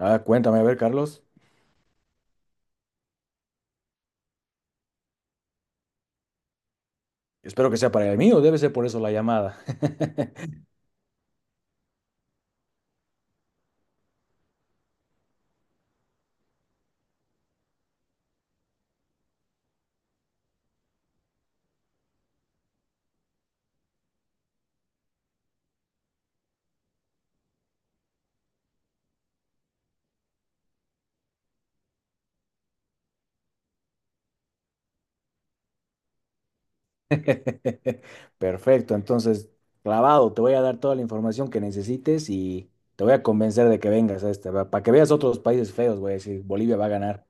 Ah, cuéntame, a ver, Carlos. Espero que sea para el mío, debe ser por eso la llamada. Perfecto, entonces, clavado, te voy a dar toda la información que necesites y te voy a convencer de que vengas a este, para que veas otros países feos, voy a decir, Bolivia va a ganar.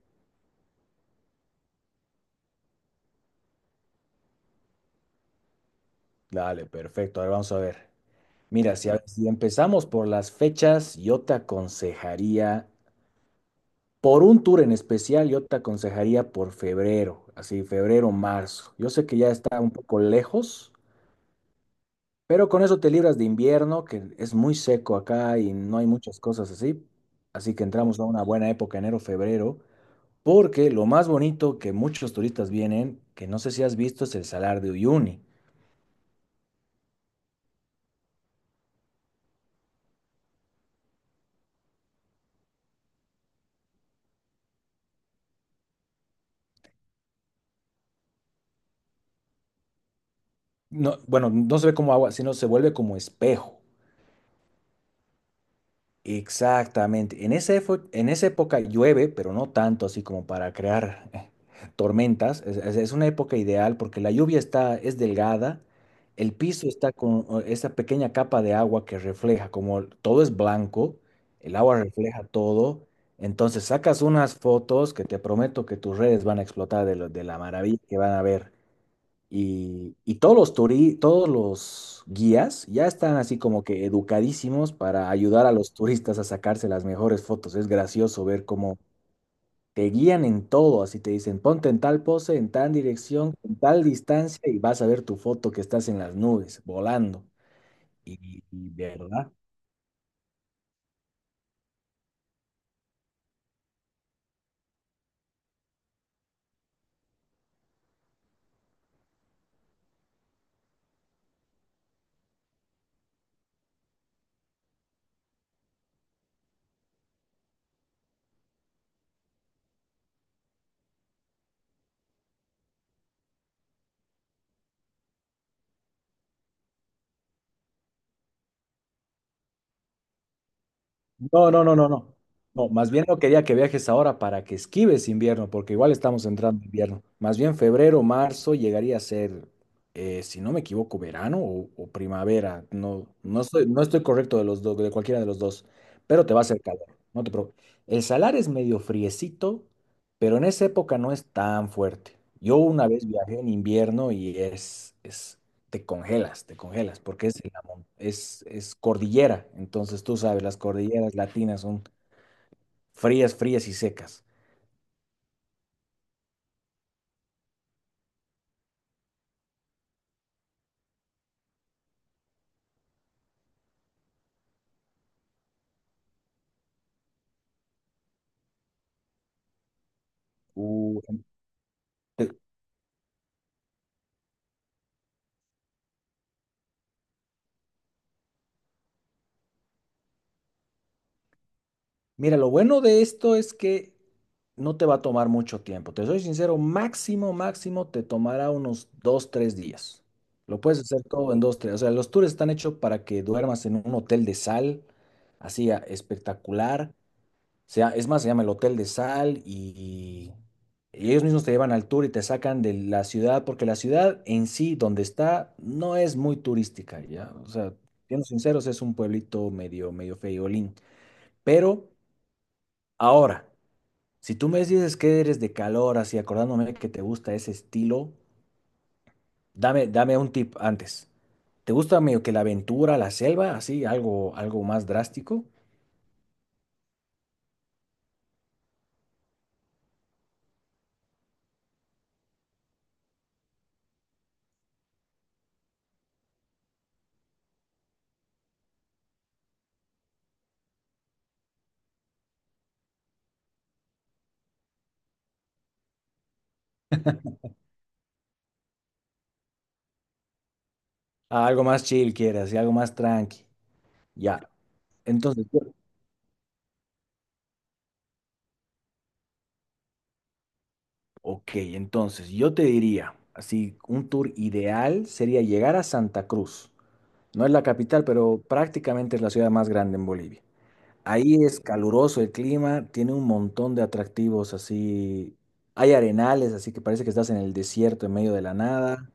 Dale, perfecto, a ver, vamos a ver. Mira, si, si empezamos por las fechas, yo te aconsejaría, por un tour en especial, yo te aconsejaría por febrero, así, febrero, marzo. Yo sé que ya está un poco lejos. Pero con eso te libras de invierno, que es muy seco acá y no hay muchas cosas así. Así que entramos a una buena época, enero, febrero, porque lo más bonito que muchos turistas vienen, que no sé si has visto, es el Salar de Uyuni. No, bueno, no se ve como agua, sino se vuelve como espejo. Exactamente. En esa época llueve, pero no tanto así como para crear tormentas. Es una época ideal porque la lluvia está, es delgada, el piso está con esa pequeña capa de agua que refleja, como todo es blanco, el agua refleja todo. Entonces sacas unas fotos que te prometo que tus redes van a explotar de la maravilla que van a ver. Y todos los guías ya están así como que educadísimos para ayudar a los turistas a sacarse las mejores fotos. Es gracioso ver cómo te guían en todo, así te dicen, ponte en tal pose, en tal dirección, en tal distancia y vas a ver tu foto que estás en las nubes, volando. Y de verdad. No, no, no, no, no. No, más bien no quería que viajes ahora para que esquives invierno, porque igual estamos entrando en invierno. Más bien febrero, marzo llegaría a ser, si no me equivoco, verano o primavera. No estoy correcto de los dos, de cualquiera de los dos, pero te va a hacer calor. No te preocupes. El salar es medio friecito, pero en esa época no es tan fuerte. Yo una vez viajé en invierno y es te congelas, porque es, es cordillera. Entonces tú sabes, las cordilleras latinas son frías, frías y secas. Uh, te- Mira, lo bueno de esto es que no te va a tomar mucho tiempo. Te soy sincero, máximo, máximo te tomará unos dos, tres días. Lo puedes hacer todo en dos, tres. O sea, los tours están hechos para que duermas en un hotel de sal, así espectacular. Sea, es más, se llama el Hotel de Sal y ellos mismos te llevan al tour y te sacan de la ciudad, porque la ciudad en sí, donde está, no es muy turística, ¿ya? O sea, siendo sinceros, es un pueblito medio, medio feíolín. Pero ahora, si tú me dices que eres de calor, así acordándome que te gusta ese estilo, dame, dame un tip antes. ¿Te gusta medio que la aventura, la selva, así, algo, algo más drástico? Ah, algo más chill quieres, y algo más tranqui. Ya. Entonces, ok, entonces yo te diría, así, un tour ideal sería llegar a Santa Cruz. No es la capital, pero prácticamente es la ciudad más grande en Bolivia. Ahí es caluroso el clima, tiene un montón de atractivos así. Hay arenales, así que parece que estás en el desierto en medio de la nada.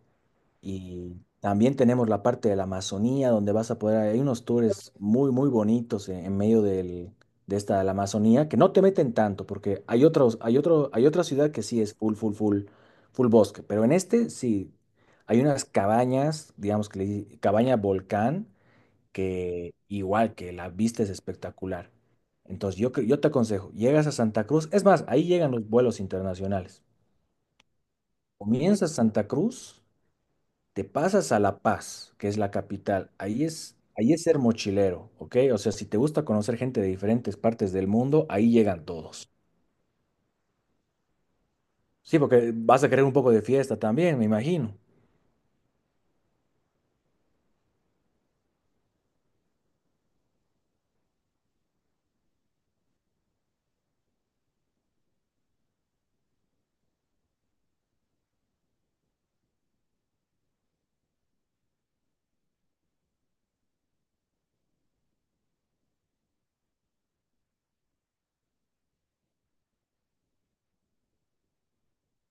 Y también tenemos la parte de la Amazonía, donde vas a poder, hay unos tours muy, muy bonitos en medio la Amazonía, que no te meten tanto, porque hay otros, hay otra ciudad que sí es full, full, full, full bosque, pero en este sí, hay unas cabañas, digamos que cabaña volcán, que igual que la vista es espectacular. Yo te aconsejo, llegas a Santa Cruz, es más, ahí llegan los vuelos internacionales. Comienzas Santa Cruz, te pasas a La Paz, que es la capital. Ahí es ser mochilero, ¿ok? O sea, si te gusta conocer gente de diferentes partes del mundo, ahí llegan todos. Sí, porque vas a querer un poco de fiesta también, me imagino.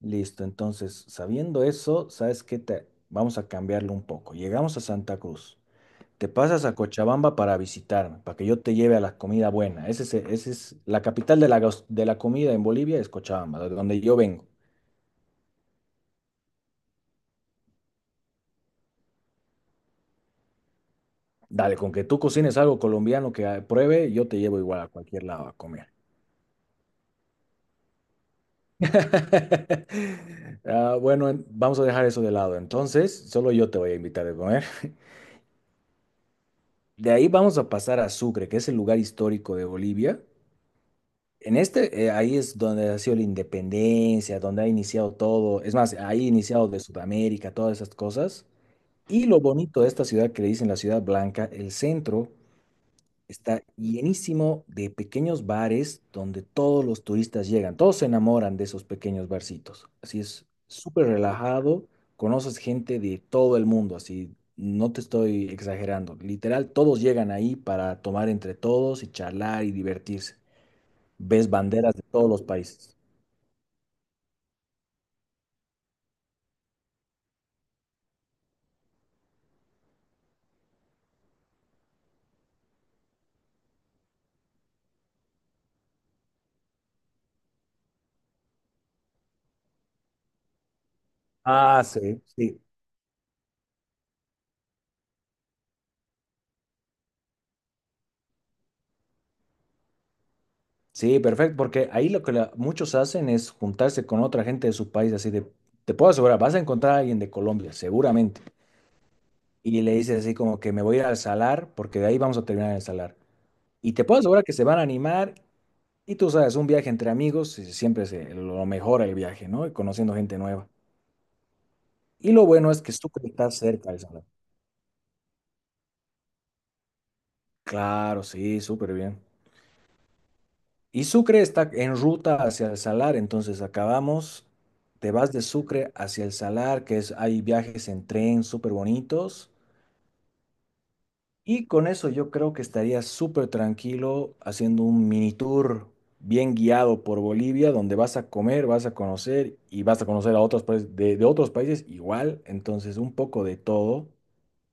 Listo, entonces, sabiendo eso, ¿sabes qué? Te... Vamos a cambiarlo un poco. Llegamos a Santa Cruz. Te pasas a Cochabamba para visitarme, para que yo te lleve a la comida buena. Ese es la capital de la comida en Bolivia, es Cochabamba, de donde yo vengo. Dale, con que tú cocines algo colombiano que pruebe, yo te llevo igual a cualquier lado a comer. Ah, bueno, vamos a dejar eso de lado. Entonces, solo yo te voy a invitar a comer. De ahí vamos a pasar a Sucre, que es el lugar histórico de Bolivia. En este, ahí es donde ha sido la independencia, donde ha iniciado todo. Es más, ahí ha iniciado de Sudamérica, todas esas cosas. Y lo bonito de esta ciudad que le dicen la Ciudad Blanca, el centro. Está llenísimo de pequeños bares donde todos los turistas llegan, todos se enamoran de esos pequeños barcitos. Así es súper relajado, conoces gente de todo el mundo, así no te estoy exagerando. Literal, todos llegan ahí para tomar entre todos y charlar y divertirse. Ves banderas de todos los países. Ah, sí, sí. Sí, perfecto, porque ahí lo que muchos hacen es juntarse con otra gente de su país, así de, te puedo asegurar, vas a encontrar a alguien de Colombia, seguramente. Y le dices así como que me voy a ir al salar porque de ahí vamos a terminar en el salar. Y te puedo asegurar que se van a animar y tú sabes, un viaje entre amigos siempre se lo mejora el viaje, ¿no? Y conociendo gente nueva. Y lo bueno es que Sucre está cerca del salar. Claro, sí, súper bien. Y Sucre está en ruta hacia el salar, entonces acabamos, te vas de Sucre hacia el salar, que es, hay viajes en tren súper bonitos. Y con eso yo creo que estaría súper tranquilo haciendo un mini tour bien guiado por Bolivia, donde vas a comer, vas a conocer y vas a conocer a otros países de otros países igual. Entonces, un poco de todo,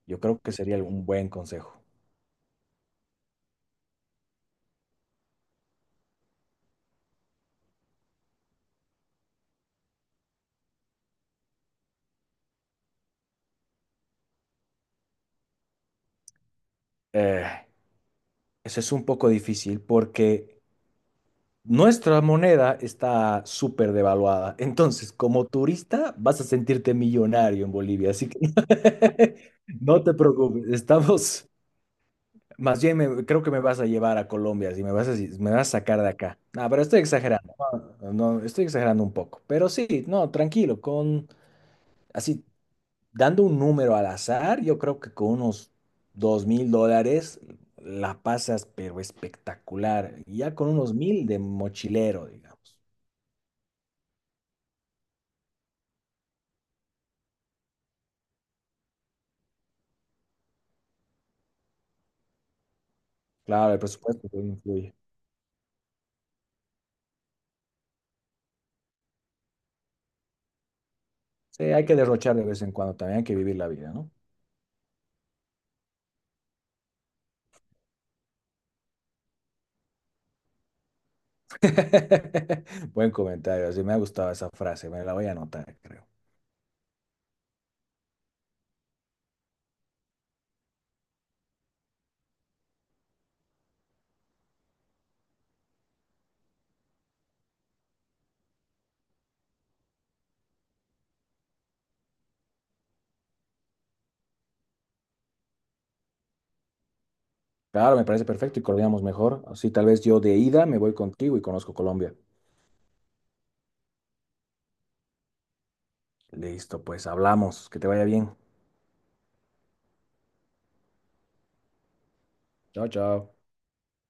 yo creo que sería un buen consejo. Eh, eso es un poco difícil porque nuestra moneda está súper devaluada. Entonces, como turista, vas a sentirte millonario en Bolivia. Así que no te preocupes, estamos. Más bien, creo que me vas a llevar a Colombia, si me vas a, si me vas a sacar de acá. No, pero estoy exagerando. No, no, no, estoy exagerando un poco. Pero sí, no, tranquilo, con así, dando un número al azar, yo creo que con unos $2000 la pasas, pero espectacular. Y ya con unos 1000 de mochilero, digamos. Claro, el presupuesto también influye. Sí, hay que derrochar de vez en cuando también, hay que vivir la vida, ¿no? Buen comentario, así me ha gustado esa frase, me la voy a anotar, creo. Claro, me parece perfecto y coordinamos mejor. Así tal vez yo de ida me voy contigo y conozco Colombia. Listo, pues hablamos. Que te vaya bien. Chao, chao.